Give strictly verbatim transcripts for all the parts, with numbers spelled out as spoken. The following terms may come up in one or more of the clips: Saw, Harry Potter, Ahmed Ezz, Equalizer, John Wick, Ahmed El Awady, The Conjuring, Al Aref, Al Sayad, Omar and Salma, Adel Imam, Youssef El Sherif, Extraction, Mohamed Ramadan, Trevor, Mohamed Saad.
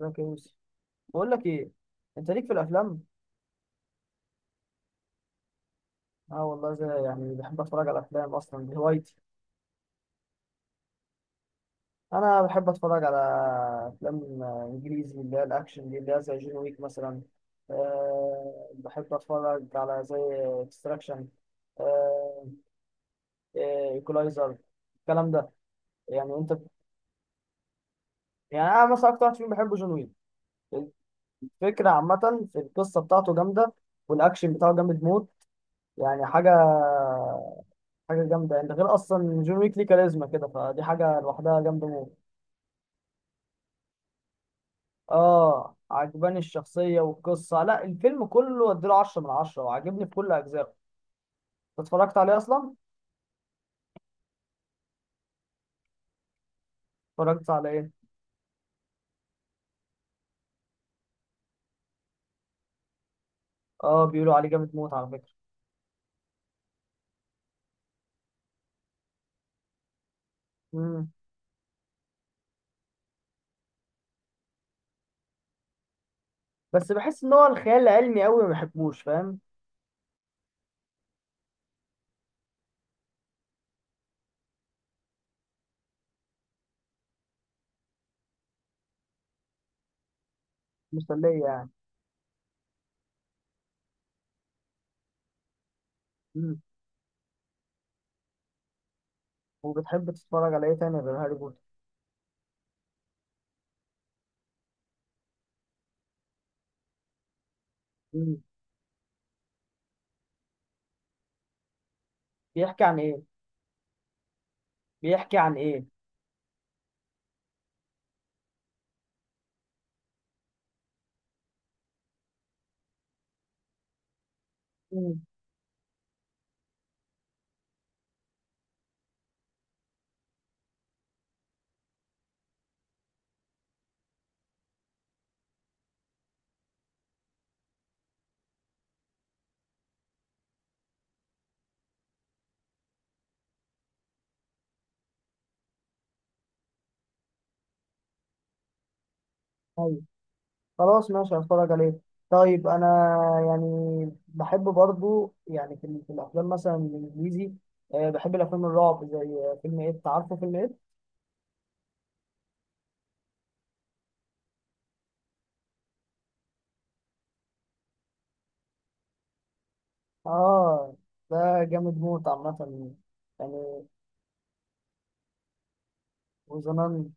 ازيك يا يوسف. بقول لك ايه، انت ليك في الافلام؟ اه والله، زي يعني بحب اتفرج على افلام، اصلا دي هوايتي. انا بحب اتفرج على افلام آه، انجليزي اللي هي الاكشن دي، اللي هي زي جون ويك مثلا. أه بحب اتفرج على زي اكستراكشن، ايكولايزر، الكلام ده. يعني انت، يعني انا مثلا اكتر واحد فيهم بحبه جون ويك. الفكره عامه في القصه بتاعته جامده، والاكشن بتاعه جامد موت. يعني حاجه، حاجه جامده، انت غير اصلا جون ويك ليه كاريزما كده، فدي حاجه لوحدها جامده موت. اه عجباني الشخصيه والقصه، لا الفيلم كله اديله عشرة من عشرة وعاجبني في كل اجزائه. أنت اتفرجت عليه اصلا؟ اتفرجت على ايه؟ اه بيقولوا عليه جامد موت على فكره. امم بس بحس ان هو الخيال العلمي قوي ما بحبوش، فاهم. مسليه يعني. امم وبتحب تتفرج على ايه تاني غير هاري بوتر؟ امم بيحكي عن ايه؟ بيحكي عن ايه؟ امم خلاص ماشي، هتفرج عليه. طيب انا يعني بحب برضو يعني في, في الافلام مثلا الانجليزي، آه، بحب الافلام الرعب، زي فيلم ايه، عارفه فيلم ايه؟ اه ده جامد موت عامه. يعني وزمان،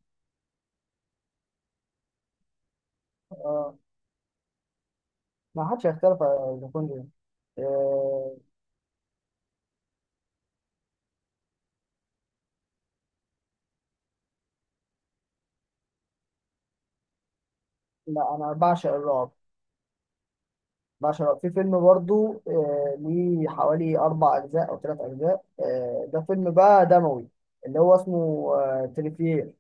آه ما حدش هيختلف على ذا كونجرينج. آه لا انا بعشق الرعب، بعشق الرعب. في فيلم برضو آه ليه حوالي اربع اجزاء او ثلاث اجزاء، آه ده فيلم بقى دموي، اللي هو اسمه آه تريفير،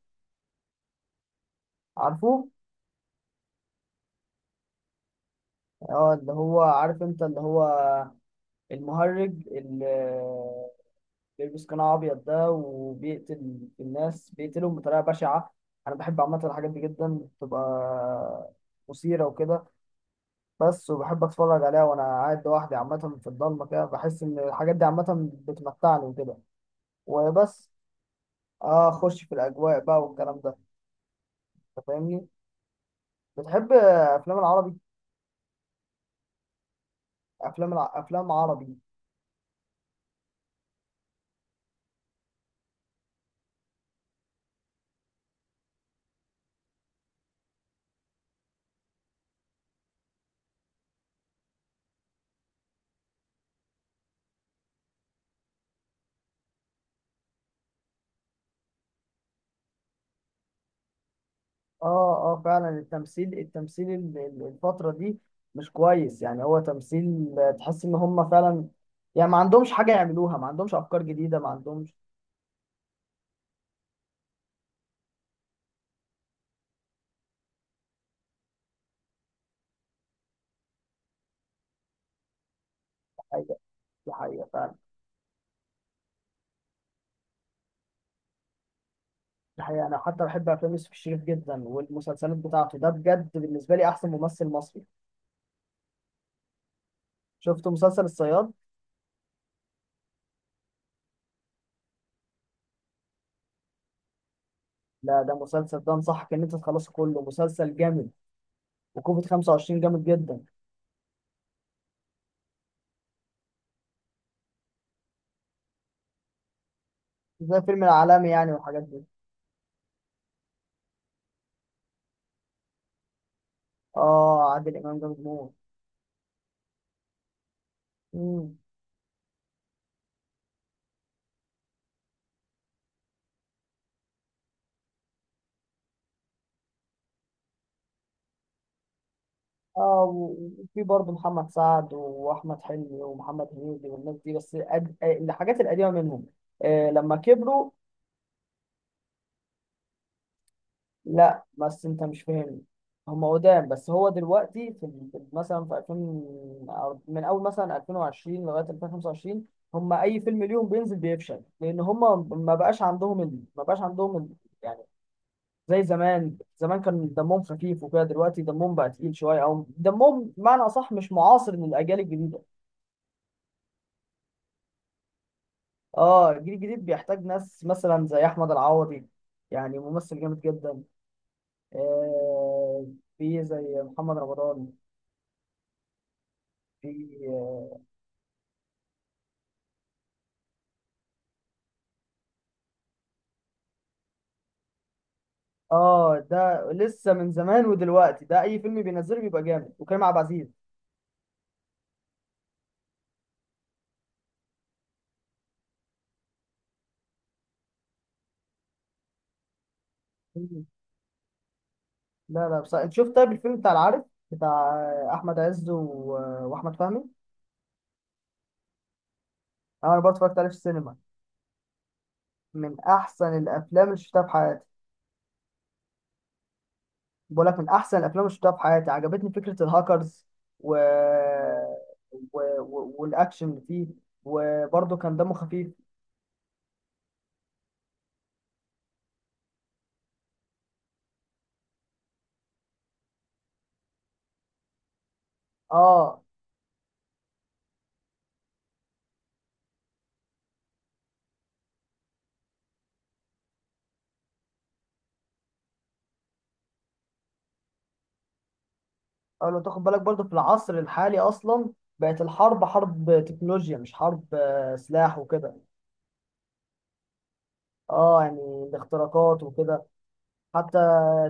عارفه؟ اه اللي هو عارف انت، اللي هو المهرج اللي بيلبس قناع ابيض ده، وبيقتل الناس، بيقتلهم بطريقه بشعه. انا بحب عامه الحاجات دي جدا، بتبقى مثيره وكده. بس وبحب اتفرج عليها وانا قاعد لوحدي عامه في الضلمه كده، بحس ان الحاجات دي عامه بتمتعني وكده. وبس. اه اخش في الاجواء بقى والكلام ده. انت فاهمني. بتحب افلام العربي؟ افلام الع... افلام عربي. اه، اه فعلا التمثيل، التمثيل ال- ال- الفترة دي مش كويس، يعني هو تمثيل آه، تحس ان هم فعلا، يعني ما عندهمش حاجة يعملوها، ما عندهمش افكار جديدة، ما عندهمش حاجة. دي حقيقة فعلا. دي حقيقة، انا حتى بحب افلام يوسف الشريف جدا والمسلسلات بتاعته، ده بجد بالنسبة لي احسن ممثل مصري. شفت مسلسل الصياد؟ لا ده مسلسل، ده انصحك ان انت تخلصه كله، مسلسل جامد. وكوفيد خمسة وعشرين جامد جدا، زي فيلم العالمي يعني والحاجات دي. اه عادل امام جامد موت. مم. اه وفي برضه محمد سعد واحمد حلمي ومحمد هنيدي والناس دي، بس أد... آه، الحاجات القديمه منهم آه لما كبروا. لا بس انت مش فاهمني، هم قدام، بس هو دلوقتي في ال- في- مثلا في ألفين أو من اول مثلا ألفين وعشرين لغايه ألفين وخمسة وعشرين، هم اي فيلم ليهم بينزل بيفشل، لان هم ما بقاش عندهم ال... ما بقاش عندهم ال... يعني زي زمان، زمان كان دمهم خفيف وكده، دلوقتي دمهم بقى تقيل شويه، او دمهم بمعنى اصح مش معاصر للاجيال الجديده. اه الجيل الجديد بيحتاج ناس مثلا زي احمد العوضي، يعني ممثل جامد جدا، آه في زي محمد رمضان. في. اه ده لسه من زمان ودلوقتي، ده اي فيلم بينزله بيبقى جامد، وكريم عبد العزيز. مم. لا لا بس انت شفت طيب الفيلم بتاع العارف، بتاع احمد عز و... واحمد فهمي. انا برضه اتفرجت عليه في السينما، من احسن الافلام اللي شفتها في حياتي. بقول لك من احسن الافلام اللي شفتها في حياتي، عجبتني فكره الهاكرز و... و... و... والاكشن اللي فيه، وبرضه كان دمه خفيف. اه. اه لو تاخد بالك برضه في العصر الحالي اصلا بقت الحرب حرب تكنولوجيا، مش حرب آه، سلاح وكده. اه يعني الاختراقات وكده، حتى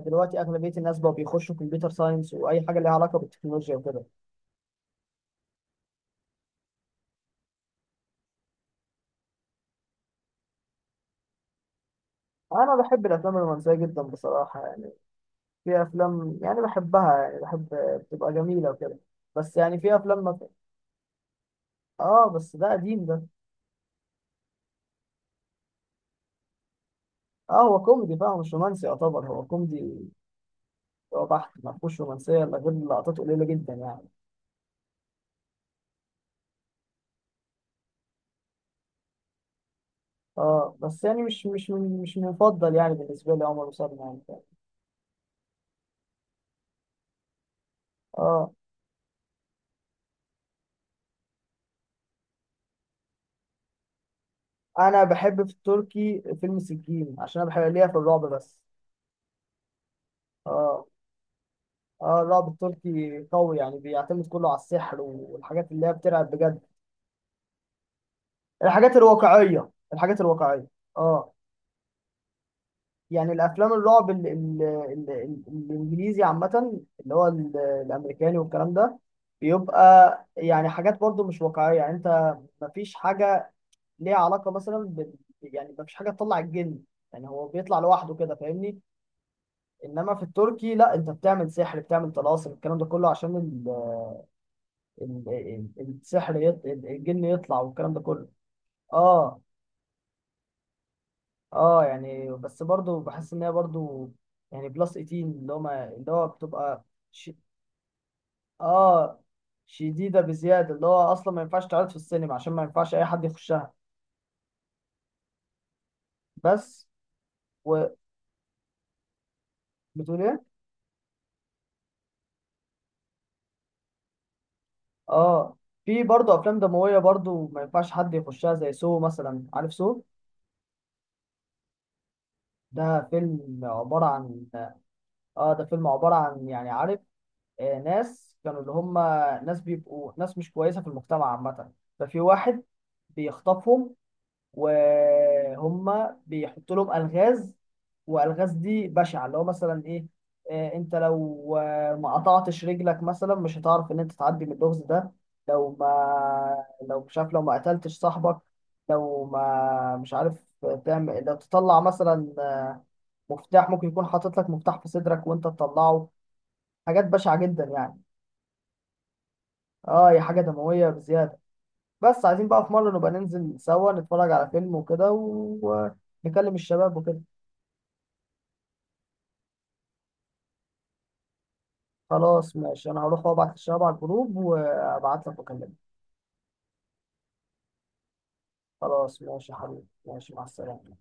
دلوقتي اغلبيه الناس بقوا بيخشوا كمبيوتر ساينس واي حاجه ليها علاقه بالتكنولوجيا وكده. انا بحب الافلام الرومانسيه جدا بصراحه، يعني في افلام يعني بحبها، يعني بحب بتبقى جميله وكده، بس يعني في افلام ما. اه بس ده قديم ده. اه هو كوميدي فاهم، مش رومانسي، يعتبر هو كوميدي، هو بحت ما فيهوش رومانسيه الا غير لقطات قليله جدا يعني. اه بس يعني مش مش من- مش مفضل يعني بالنسبه لي عمر وسلمى، يعني فاهم. اه انا بحب في التركي فيلم سجين، عشان انا بحب ليا في الرعب بس. اه، اه الرعب التركي قوي، يعني بيعتمد كله على السحر والحاجات اللي هي بترعب بجد. الحاجات الواقعيه، الحاجات الواقعيه. اه يعني الافلام الرعب ال ال ال ال الانجليزي عامه اللي هو ال- الامريكاني والكلام ده، بيبقى يعني حاجات برضو مش واقعيه، يعني انت مفيش حاجه ليها علاقه مثلا بال، يعني مفيش حاجه تطلع الجن، يعني هو بيطلع لوحده كده، فاهمني. انما في التركي لا، انت بتعمل سحر، بتعمل طلاسم، الكلام ده كله عشان ال ال ال السحر يط الجن يطلع، والكلام ده كله. اه، اه يعني بس برضو بحس ان هي برضو يعني بلس تمنتاشر، اللي هو ما- اللي هو بتبقى ش- اه شديدة بزيادة، اللي هو أصلا ما ينفعش تعرض في السينما، عشان ما ينفعش أي حد يخشها. بس وبتقول إيه؟ اه في برضه أفلام دموية برضه ما ينفعش حد يخشها، زي سو مثلا، عارف سو؟ ده فيلم عبارة عن، اه ده فيلم عبارة عن يعني عارف، آه ناس كانوا اللي هم، ناس بيبقوا ناس مش كويسة في المجتمع عامة، ففي واحد بيخطفهم، وهم بيحطوا لهم الغاز، والغاز دي بشعه، اللي هو مثلا ايه، آه، انت لو آه، ما قطعتش رجلك مثلا مش هتعرف ان انت تعدي من اللغز ده، لو ما، لو مش عارف، لو ما قتلتش صاحبك، لو ما مش عارف تعمل، لو تطلع مثلا آه، مفتاح، ممكن يكون حاطط لك مفتاح في صدرك وانت تطلعه، حاجات بشعه جدا يعني. اه هي حاجه دمويه بزياده، بس عايزين بقى في مره نبقى ننزل سوا نتفرج على فيلم وكده و... آه، نكلم الشباب وكده. خلاص ماشي، انا هروح وابعت الشباب على الجروب وابعت لك واكلمك. خلاص ماشي يا حبيبي، ماشي، مع السلامة.